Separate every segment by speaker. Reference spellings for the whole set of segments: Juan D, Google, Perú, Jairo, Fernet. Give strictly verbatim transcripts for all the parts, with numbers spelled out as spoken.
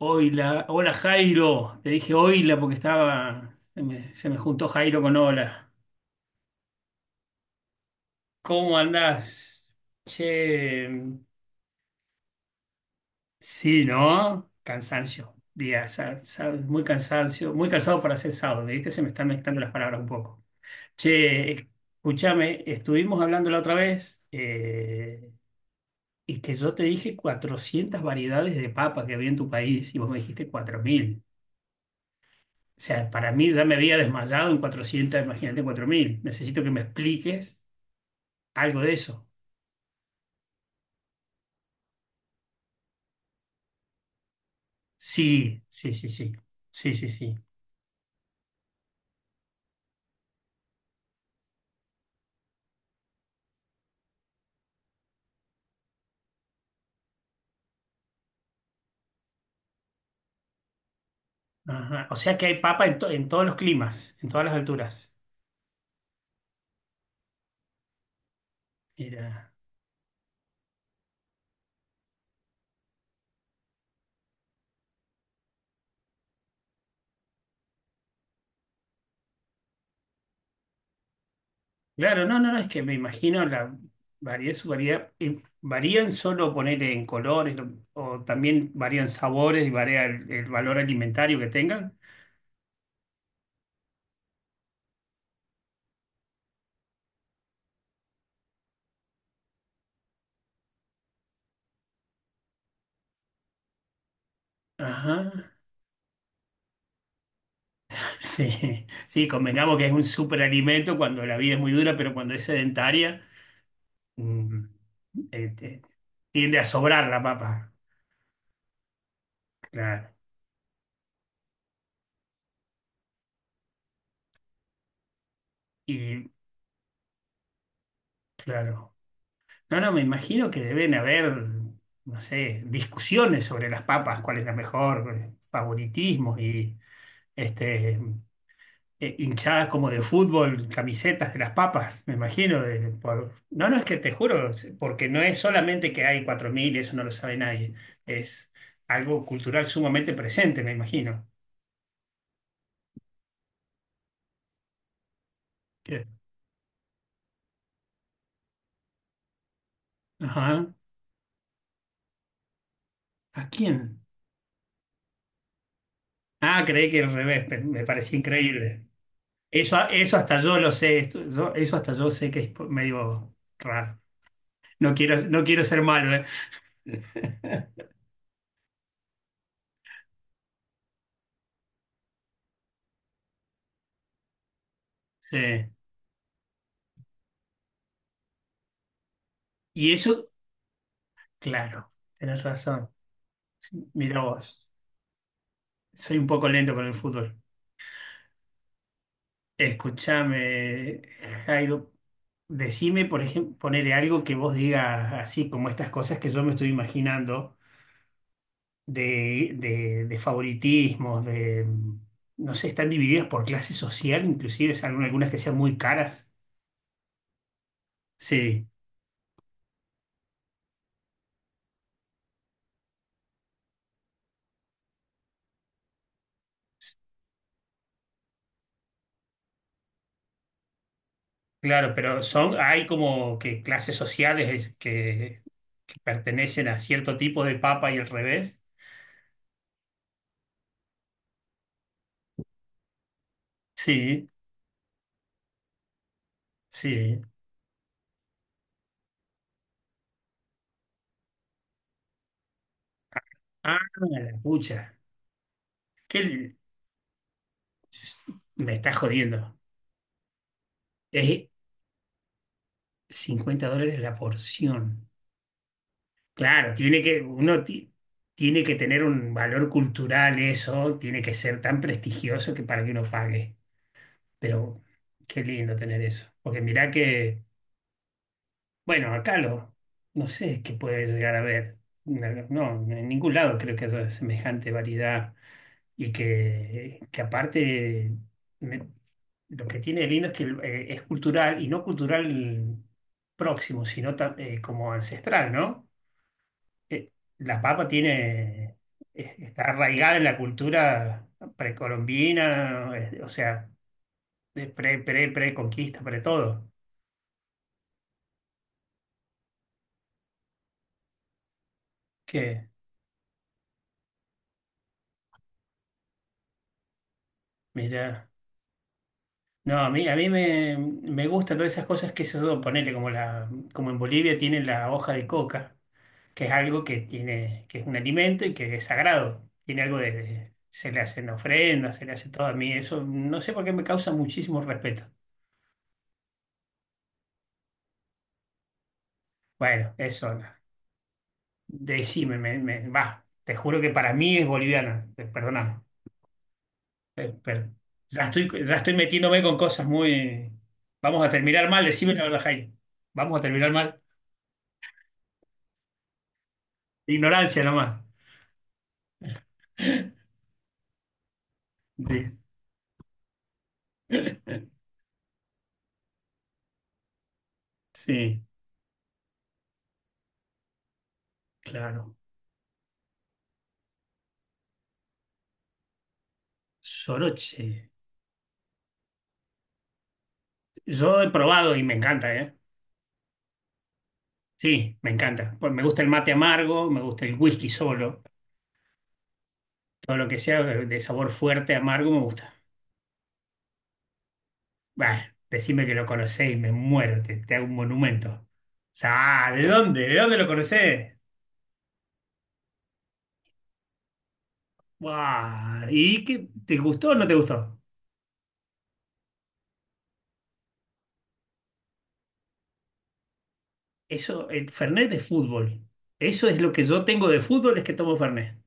Speaker 1: Oila, hola Jairo, te dije oila porque estaba, se me, se me juntó Jairo con hola. ¿Cómo andás? Che, sí, ¿no? Cansancio, día, sa- sa- muy cansancio, muy cansado para ser sábado, ¿viste? Se me están mezclando las palabras un poco. Che, escúchame, estuvimos hablando la otra vez eh, y que yo te dije cuatrocientas variedades de papa que había en tu país y vos me dijiste cuatro mil. O sea, para mí ya me había desmayado en cuatrocientas, imagínate cuatro mil. Necesito que me expliques algo de eso. Sí, sí, sí, sí. Sí, sí, sí. Ajá. O sea que hay papa en, to- en todos los climas, en todas las alturas. Mira. Claro, no, no, no, es que me imagino la variedad, su variedad. eh, ¿Varían solo poner en colores lo- o también varían sabores y varía el, el valor alimentario que tengan? Ajá. Sí, sí, convengamos que es un superalimento cuando la vida es muy dura, pero cuando es sedentaria. mm, eh, te- tiende a sobrar la papa. Claro. Y claro. No, no, me imagino que deben haber, no sé, discusiones sobre las papas, cuál es la mejor, eh, favoritismos y este eh, hinchadas como de fútbol, camisetas de las papas, me imagino. de- por- No, no, es que te juro, es- porque no es solamente que hay cuatro mil eso no lo sabe nadie. Es algo cultural sumamente presente, me imagino. ¿Qué? Ajá. ¿A quién? Ah, creí que al revés, pe- me parecía increíble. Eso, eso hasta yo lo sé, esto- yo- eso hasta yo sé que es po- medio raro. No quiero, no quiero ser malo, ¿eh? Sí. Y eso, claro, tenés razón. Mira vos, soy un poco lento con el fútbol. Escúchame, Jairo, decime, por ejemplo, ponele algo que vos digas así, como estas cosas que yo me estoy imaginando. de, de- de favoritismos, de, no sé, están divididas por clase social, inclusive, salen algunas que sean muy caras. Sí, s- claro, pero son, hay como que clases sociales es- que, que pertenecen a cierto tipo de papa y al revés. Sí, sí. Ah, la pucha. ¿Qué? L- me está jodiendo. Es cincuenta dólares la porción. Claro, tiene que, uno ti- tiene que tener un valor cultural eso, tiene que ser tan prestigioso que para que uno pague. Pero qué lindo tener eso. Porque mirá que, bueno, acá lo, no sé qué puede llegar a ver. No, no, en ningún lado creo que haya semejante variedad. Y que, que aparte, me- lo que tiene de lindo es que eh, es cultural y no cultural próximo, sino ta- eh, como ancestral, ¿no? eh, la papa tiene, eh, está arraigada en la cultura precolombina, eh, o sea, de pre, pre, pre-conquista, pre todo. Que, mira, no, a mí, a mí me, me gustan todas esas cosas que se son, ponele, como la, como en Bolivia tienen la hoja de coca, que es algo que tiene, que es un alimento y que es sagrado. Tiene algo de, de- se le hacen ofrendas, se le hace todo a mí. Eso no sé por qué me causa muchísimo respeto. Bueno, eso. Decime, me, me- va, te juro que para mí es boliviana, eh, perdóname. Eh, per- ya estoy, ya estoy metiéndome con cosas muy... Vamos a terminar mal, decime la verdad, Jaime. Vamos a terminar mal. Ignorancia nomás. De- Sí, claro. Soroche. Yo he probado y me encanta, ¿eh? Sí, me encanta. Pues me gusta el mate amargo, me gusta el whisky solo. Todo lo que sea de sabor fuerte, amargo, me gusta. Bah, decime que lo conocés y me muero, te, te hago un monumento. O sea, ah, ¿de dónde? ¿De dónde lo conocés? Buah, ¿y qué? ¿Te gustó o no te gustó? Eso, el Fernet de fútbol. Eso es lo que yo tengo de fútbol, es que tomo Fernet.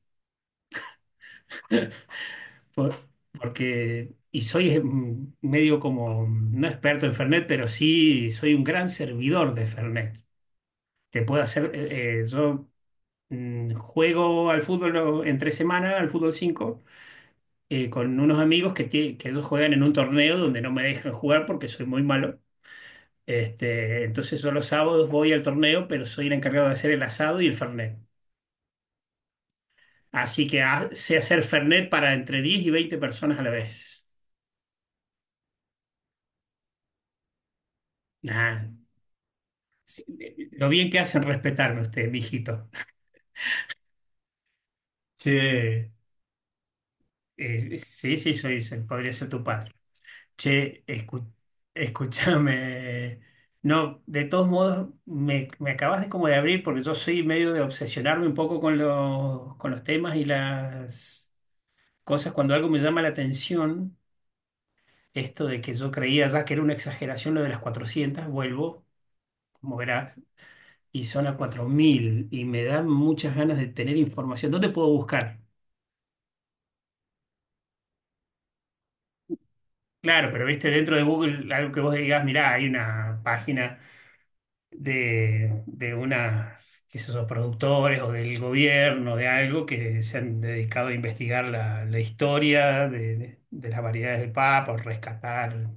Speaker 1: Por- porque, y soy mm, medio como, mm, no experto en Fernet, pero sí soy un gran servidor de Fernet. Te puedo hacer, eh, eh, yo mm, juego al fútbol o- entre semana, al fútbol cinco. eh, con unos amigos que, tie- que ellos juegan en un torneo donde no me dejan jugar porque soy muy malo. Este, entonces yo los sábados voy al torneo, pero soy el encargado de hacer el asado y el fernet. Así que ha- sé hacer fernet para entre diez y veinte personas a la vez. Nah, lo bien que hacen respetarme usted, mijito. Sí, Eh, sí, sí, soy, soy- podría ser tu padre. Che, escu- escúchame. No, de todos modos, me, me acabas de como de abrir porque yo soy medio de obsesionarme un poco con los, con los, temas y las cosas. Cuando algo me llama la atención, esto de que yo creía ya que era una exageración lo de las cuatrocientas vuelvo, como verás, y son a cuatro mil y me dan muchas ganas de tener información. ¿Dónde puedo buscar? Claro, pero viste, dentro de Google, algo que vos digas, mirá, hay una página. de, de unas, qué sé yo, productores o del gobierno, de algo que se han dedicado a investigar la, la historia de, de- de las variedades de papa, o rescatar.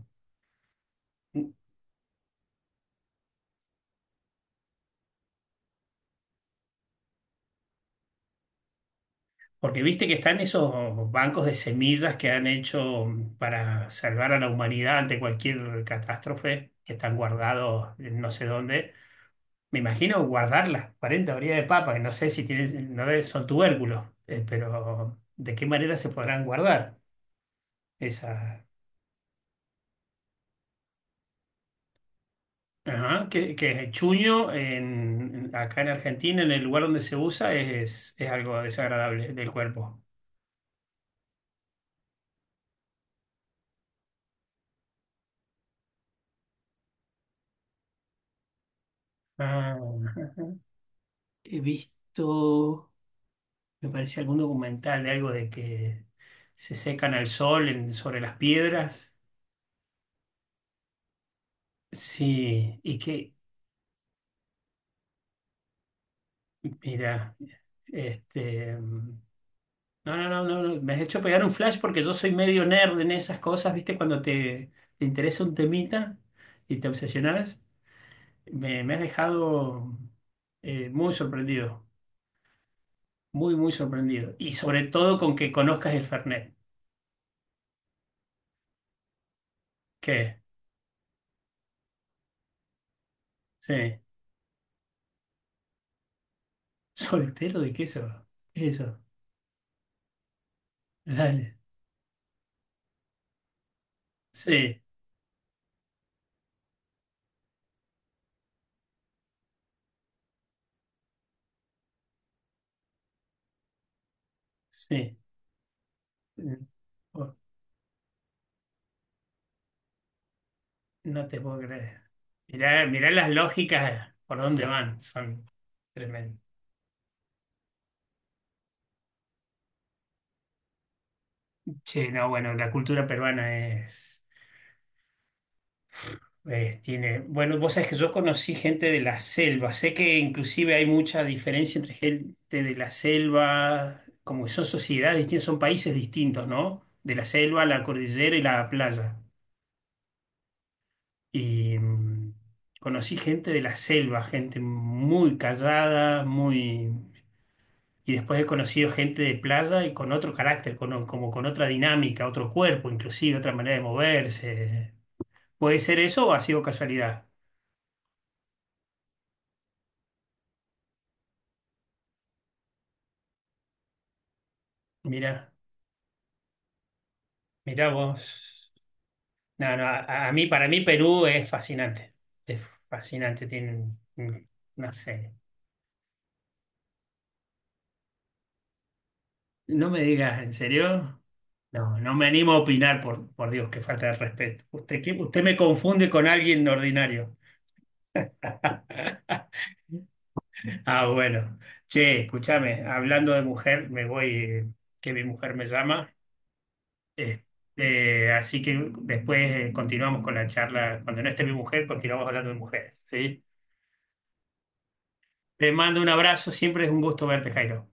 Speaker 1: Porque viste que están esos bancos de semillas que han hecho para salvar a la humanidad ante cualquier catástrofe, que están guardados en no sé dónde. Me imagino guardar las cuarenta variedades de papa, que no sé si tienen, no debe- son tubérculos, eh, pero ¿de qué manera se podrán guardar esas? Ajá, que, que el chuño en, en- acá en Argentina, en el lugar donde se usa, es, es algo desagradable del cuerpo. Ah, ajá. He visto, me parece algún documental de algo de que se secan al sol en- sobre las piedras. Sí, y que, mira, este... mm, no, no, no, no, no, me has hecho pegar un flash porque yo soy medio nerd en esas cosas, ¿viste? Cuando te, te interesa un temita y te obsesionas. Me, me has dejado eh, muy sorprendido, muy, muy sorprendido. Y sobre todo con que conozcas el Fernet. ¿Qué? Sí. ¿Soltero de queso? ¿Qué es eso? Dale. Sí, sí. Mm. Oh, no te puedo creer. Mirá, mirá las lógicas por dónde van. Son tremendas. Che, no, bueno, la cultura peruana es. Eh, tiene, bueno, vos sabés que yo conocí gente de la selva. Sé que inclusive hay mucha diferencia entre gente de la selva, como que son sociedades distintas, son países distintos, ¿no? De la selva, la cordillera y la playa. Y mm, conocí gente de la selva, gente muy callada, muy... Y después he conocido gente de playa y con otro carácter, con, como con otra dinámica, otro cuerpo, inclusive otra manera de moverse. ¿Puede ser eso o ha sido casualidad? Mira. Mirá vos. No, no, a, a mí, para mí Perú es fascinante. Es fascinante. Tienen, mm, no sé. No me digas, ¿en serio? No, no me animo a opinar, por, por Dios, qué falta de respeto. Usted, ¿qué- usted me confunde con alguien ordinario. Ah, bueno. Che, escúchame, hablando de mujer, me voy, eh, que mi mujer me llama. Este, así que después eh, continuamos con la charla. Cuando no esté mi mujer, continuamos hablando de mujeres, ¿sí? Te mando un abrazo, siempre es un gusto verte, Jairo.